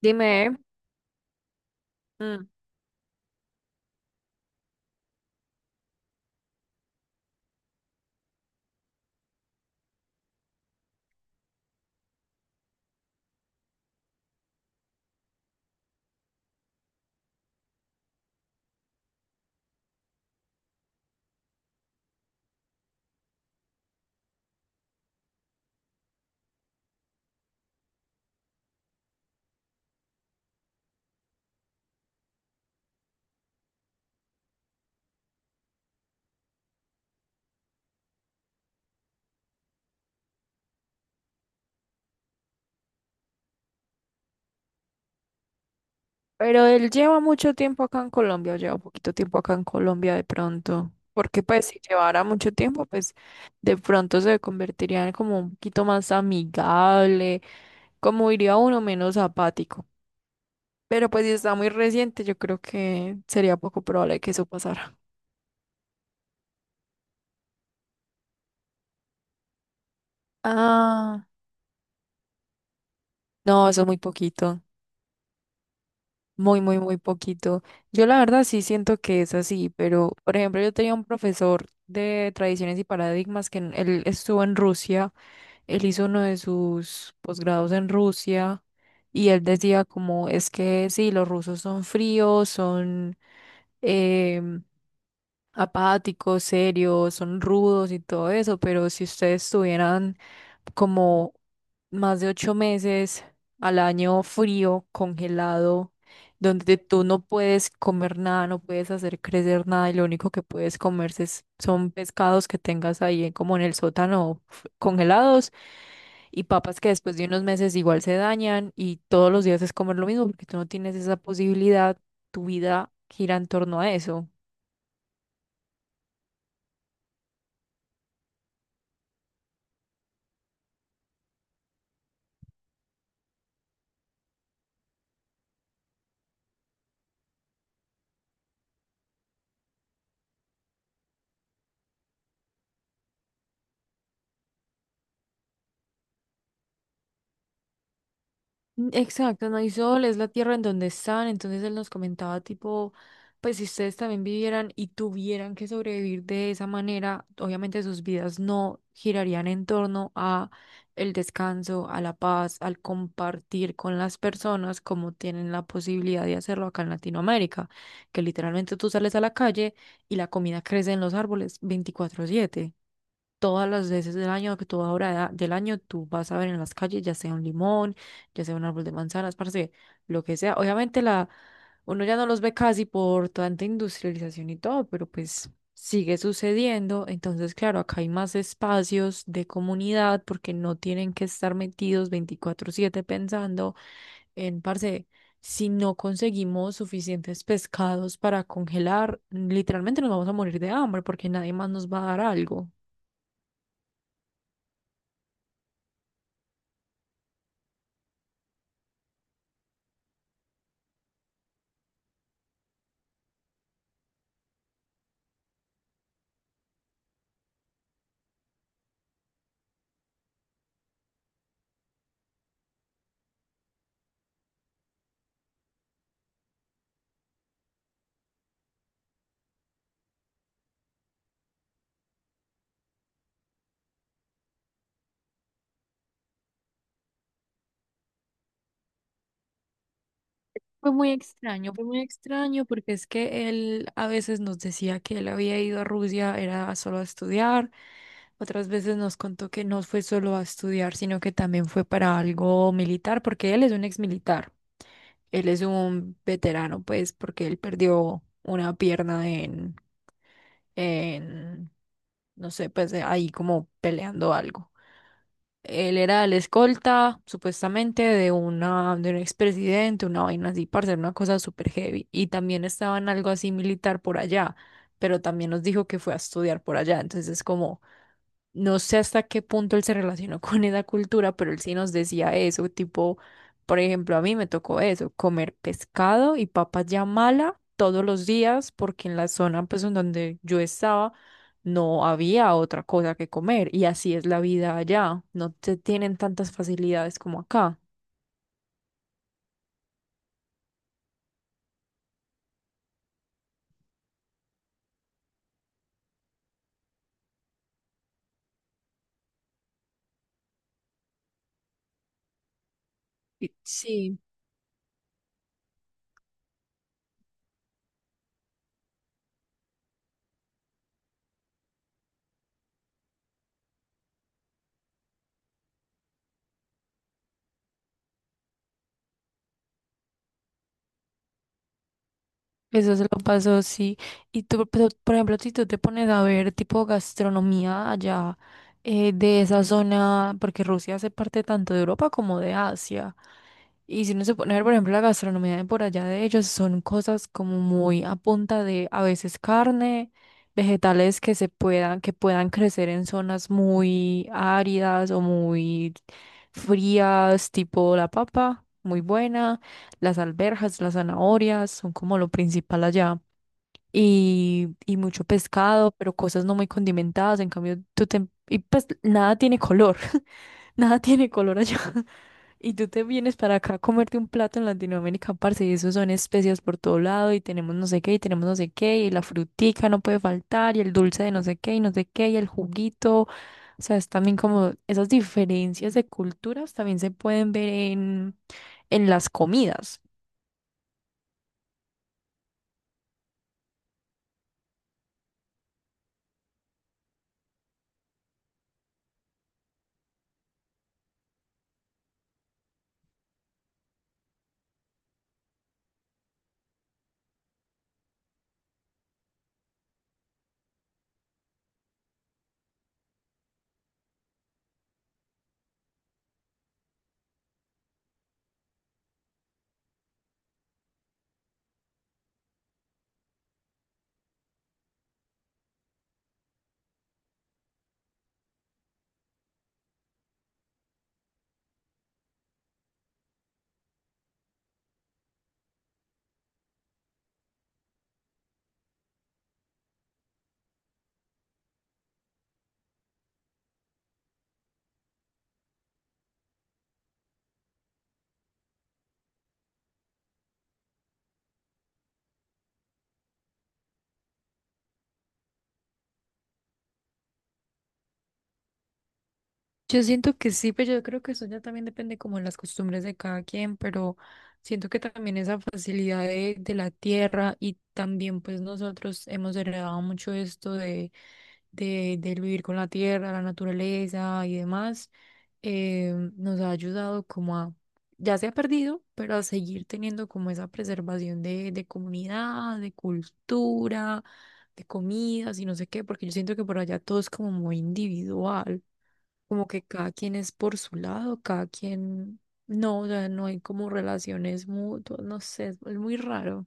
Dime. mm, pero él lleva mucho tiempo acá en Colombia, o lleva poquito tiempo acá en Colombia de pronto, porque pues si llevara mucho tiempo, pues de pronto se convertiría en como un poquito más amigable, como diría uno menos apático. Pero pues si está muy reciente, yo creo que sería poco probable que eso pasara. Ah, no, eso es muy poquito. Muy, muy, muy poquito. Yo la verdad sí siento que es así, pero por ejemplo yo tenía un profesor de tradiciones y paradigmas que él estuvo en Rusia, él hizo uno de sus posgrados en Rusia y él decía como es que sí, los rusos son fríos, son em, apáticos, serios, son rudos y todo eso, pero si ustedes tuvieran como más de 8 meses al año frío, congelado, donde tú no puedes comer nada, no puedes hacer crecer nada y lo único que puedes comerse son pescados que tengas ahí como en el sótano congelados y papas que después de unos meses igual se dañan y todos los días es comer lo mismo porque tú no tienes esa posibilidad, tu vida gira en torno a eso. Mm, exacto, no hay sol, es la tierra en donde están. Entonces él nos comentaba tipo, pues si ustedes también vivieran y tuvieran que sobrevivir de esa manera, obviamente sus vidas no girarían en torno a el descanso, a la paz, al compartir con las personas como tienen la posibilidad de hacerlo acá en Latinoamérica, que literalmente tú sales a la calle y la comida crece en los árboles 24/7 todas las veces del año, que toda hora del año, tú vas a ver en las calles, ya sea un limón, ya sea un árbol de manzanas, parce, lo que sea. Obviamente uno ya no los ve casi por tanta industrialización y todo, pero pues sigue sucediendo. Entonces, claro, acá hay más espacios de comunidad porque no tienen que estar metidos 24/7 pensando parce, si no conseguimos suficientes pescados para congelar, literalmente nos vamos a morir de hambre porque nadie más nos va a dar algo. Fue muy extraño porque es que él a veces nos decía que él había ido a Rusia, era solo a estudiar, otras veces nos contó que no fue solo a estudiar, sino que también fue para algo militar, porque él es un ex militar, él es un veterano, pues, porque él perdió una pierna en, no sé, pues ahí como peleando algo. Él era el escolta, supuestamente, de un expresidente, una vaina así, para hacer una cosa súper heavy. Y también estaba en algo así militar por allá, pero también nos dijo que fue a estudiar por allá. Entonces, es como, no sé hasta qué punto él se relacionó con esa cultura, pero él sí nos decía eso, tipo, por ejemplo, a mí me tocó eso, comer pescado y papas ya mala todos los días, porque en la zona pues en donde yo estaba no había otra cosa que comer y así es la vida allá, no te tienen tantas facilidades como acá. Y- sí. Eso se lo pasó, sí. Y tú, pero, por ejemplo, si tú te pones a ver tipo gastronomía allá, de esa zona, porque Rusia hace parte tanto de Europa como de Asia. Y si uno se pone a ver, por ejemplo, la gastronomía de por allá de ellos, son cosas como muy a punta de a veces carne, vegetales que se puedan, que puedan crecer en zonas muy áridas o muy frías, tipo la papa, muy buena, las alberjas, las zanahorias son como lo principal allá. Y mucho pescado, pero cosas no muy condimentadas. En cambio, tú te... Y pues nada tiene color. Nada tiene color allá. Y tú te vienes para acá a comerte un plato en Latinoamérica, parce, y eso son especias por todo lado, y tenemos no sé qué, y tenemos no sé qué, y la frutica no puede faltar, y el dulce de no sé qué, y no sé qué, y el juguito. O sea, es también como esas diferencias de culturas también se pueden ver en las comidas. Yo siento que sí, pero yo creo que eso ya también depende como de las costumbres de cada quien, pero siento que también esa facilidad de la tierra y también pues nosotros hemos heredado mucho esto del vivir con la tierra, la naturaleza y demás, nos ha ayudado como a, ya se ha perdido, pero a seguir teniendo como esa preservación de comunidad, de cultura, de comidas y no sé qué, porque yo siento que por allá todo es como muy individual, como que cada quien es por su lado, cada quien, no, o sea, no hay como relaciones mutuas, no sé, es muy raro.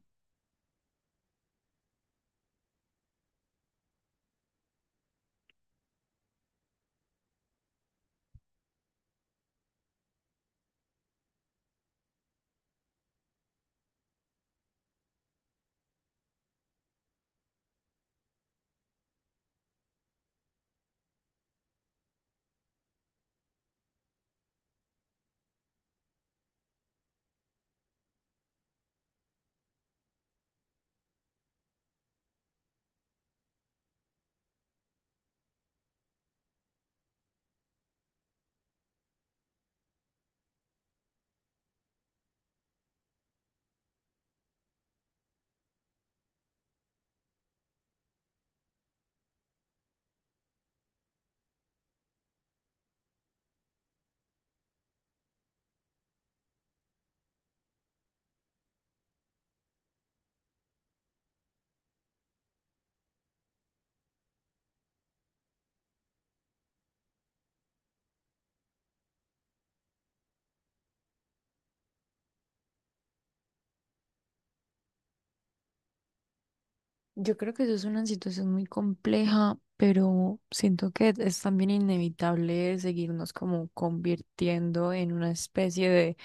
Yo creo que eso es una situación muy compleja, pero siento que es también inevitable seguirnos como convirtiendo en una especie de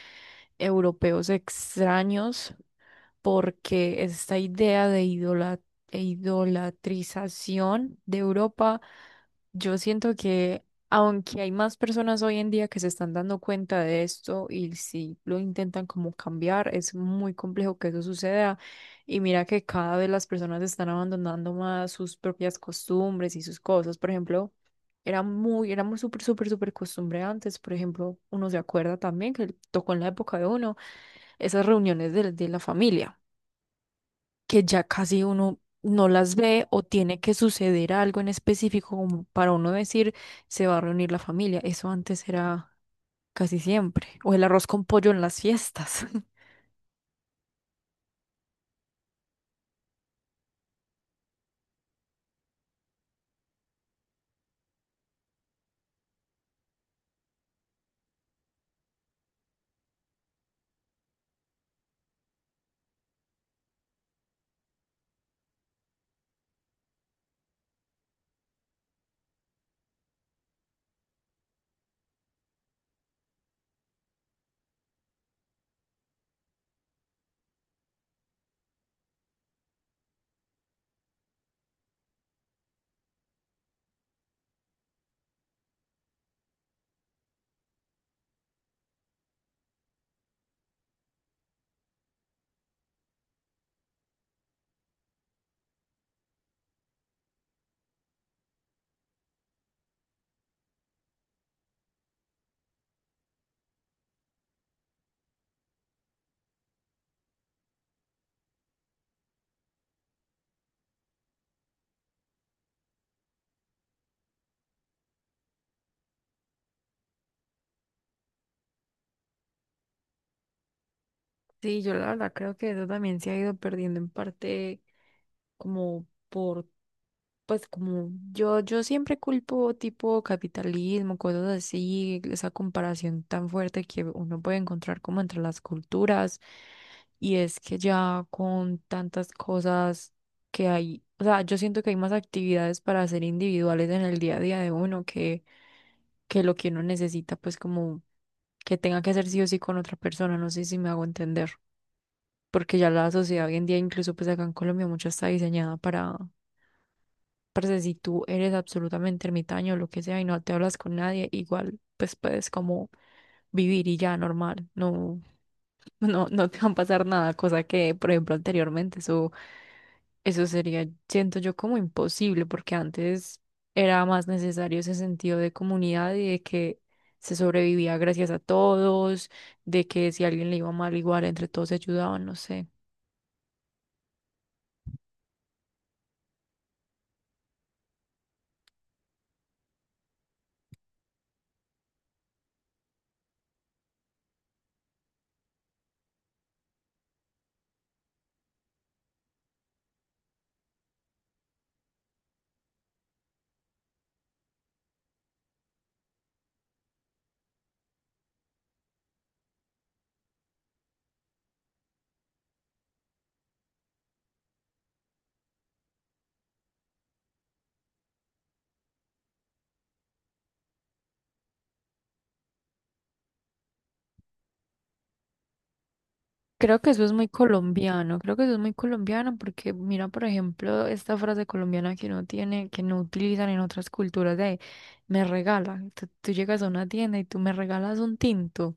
europeos extraños, porque esta idea de e idolatrización de Europa, yo siento que aunque hay más personas hoy en día que se están dando cuenta de esto y si lo intentan como cambiar, es muy complejo que eso suceda y mira que cada vez las personas están abandonando más sus propias costumbres y sus cosas. Por ejemplo, era muy súper, súper, súper costumbre antes. Por ejemplo, uno se acuerda también que tocó en la época de uno esas reuniones de la familia, que ya casi uno no las ve o tiene que suceder algo en específico como para uno decir se va a reunir la familia. Eso antes era casi siempre. O el arroz con pollo en las fiestas. Sí, yo la verdad creo que eso también se ha ido perdiendo en parte como pues como yo siempre culpo tipo capitalismo, cosas así, esa comparación tan fuerte que uno puede encontrar como entre las culturas. Y es que ya con tantas cosas que hay, o sea, yo siento que hay más actividades para hacer individuales en el día a día de uno que lo que uno necesita, pues como que tenga que hacer sí o sí con otra persona, no sé si me hago entender. Porque ya la sociedad hoy en día, incluso pues acá en Colombia, mucho está diseñada para, parce, si tú eres absolutamente ermitaño o lo que sea y no te hablas con nadie, igual pues puedes como vivir y ya normal, no, no, no te va a pasar nada, cosa que, por ejemplo, anteriormente eso sería, siento yo, como imposible, porque antes era más necesario ese sentido de comunidad y de que se sobrevivía gracias a todos, de que si a alguien le iba mal, igual entre todos se ayudaban, no sé. Creo que eso es muy colombiano, creo que eso es muy colombiano porque mira, por ejemplo, esta frase colombiana que uno tiene, que no utilizan en otras culturas de me regala. Tú llegas a una tienda y tú me regalas un tinto.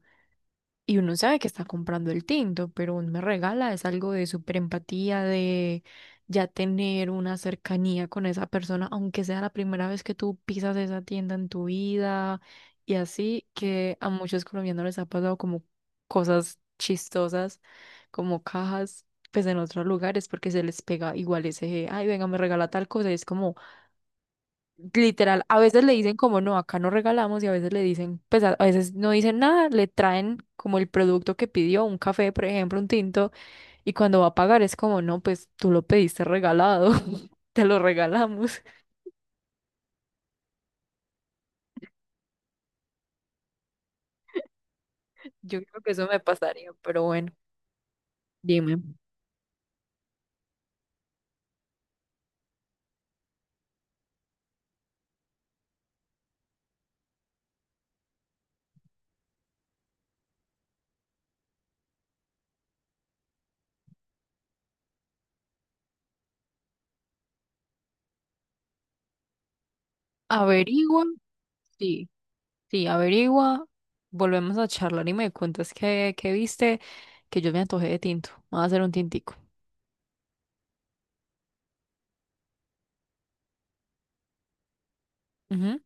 Y uno sabe que está comprando el tinto, pero un me regala es algo de súper empatía, de ya tener una cercanía con esa persona, aunque sea la primera vez que tú pisas esa tienda en tu vida. Y así que a muchos colombianos les ha pasado como cosas chistosas, como cajas, pues en otros lugares, porque se les pega igual ese, ay, venga, me regala tal cosa. Y es como... Literal, a veces le dicen como no, acá no regalamos y a veces le dicen, pues a veces no dicen nada, le traen como el producto que pidió, un café, por ejemplo, un tinto, y cuando va a pagar es como no, pues tú lo pediste regalado, te lo regalamos. Yo creo que eso me pasaría, pero bueno, dime. Averigua, sí, sí, averigua, volvemos a charlar y me cuentas qué viste, que yo me antojé de tinto, me voy a hacer un tintico. Ujú.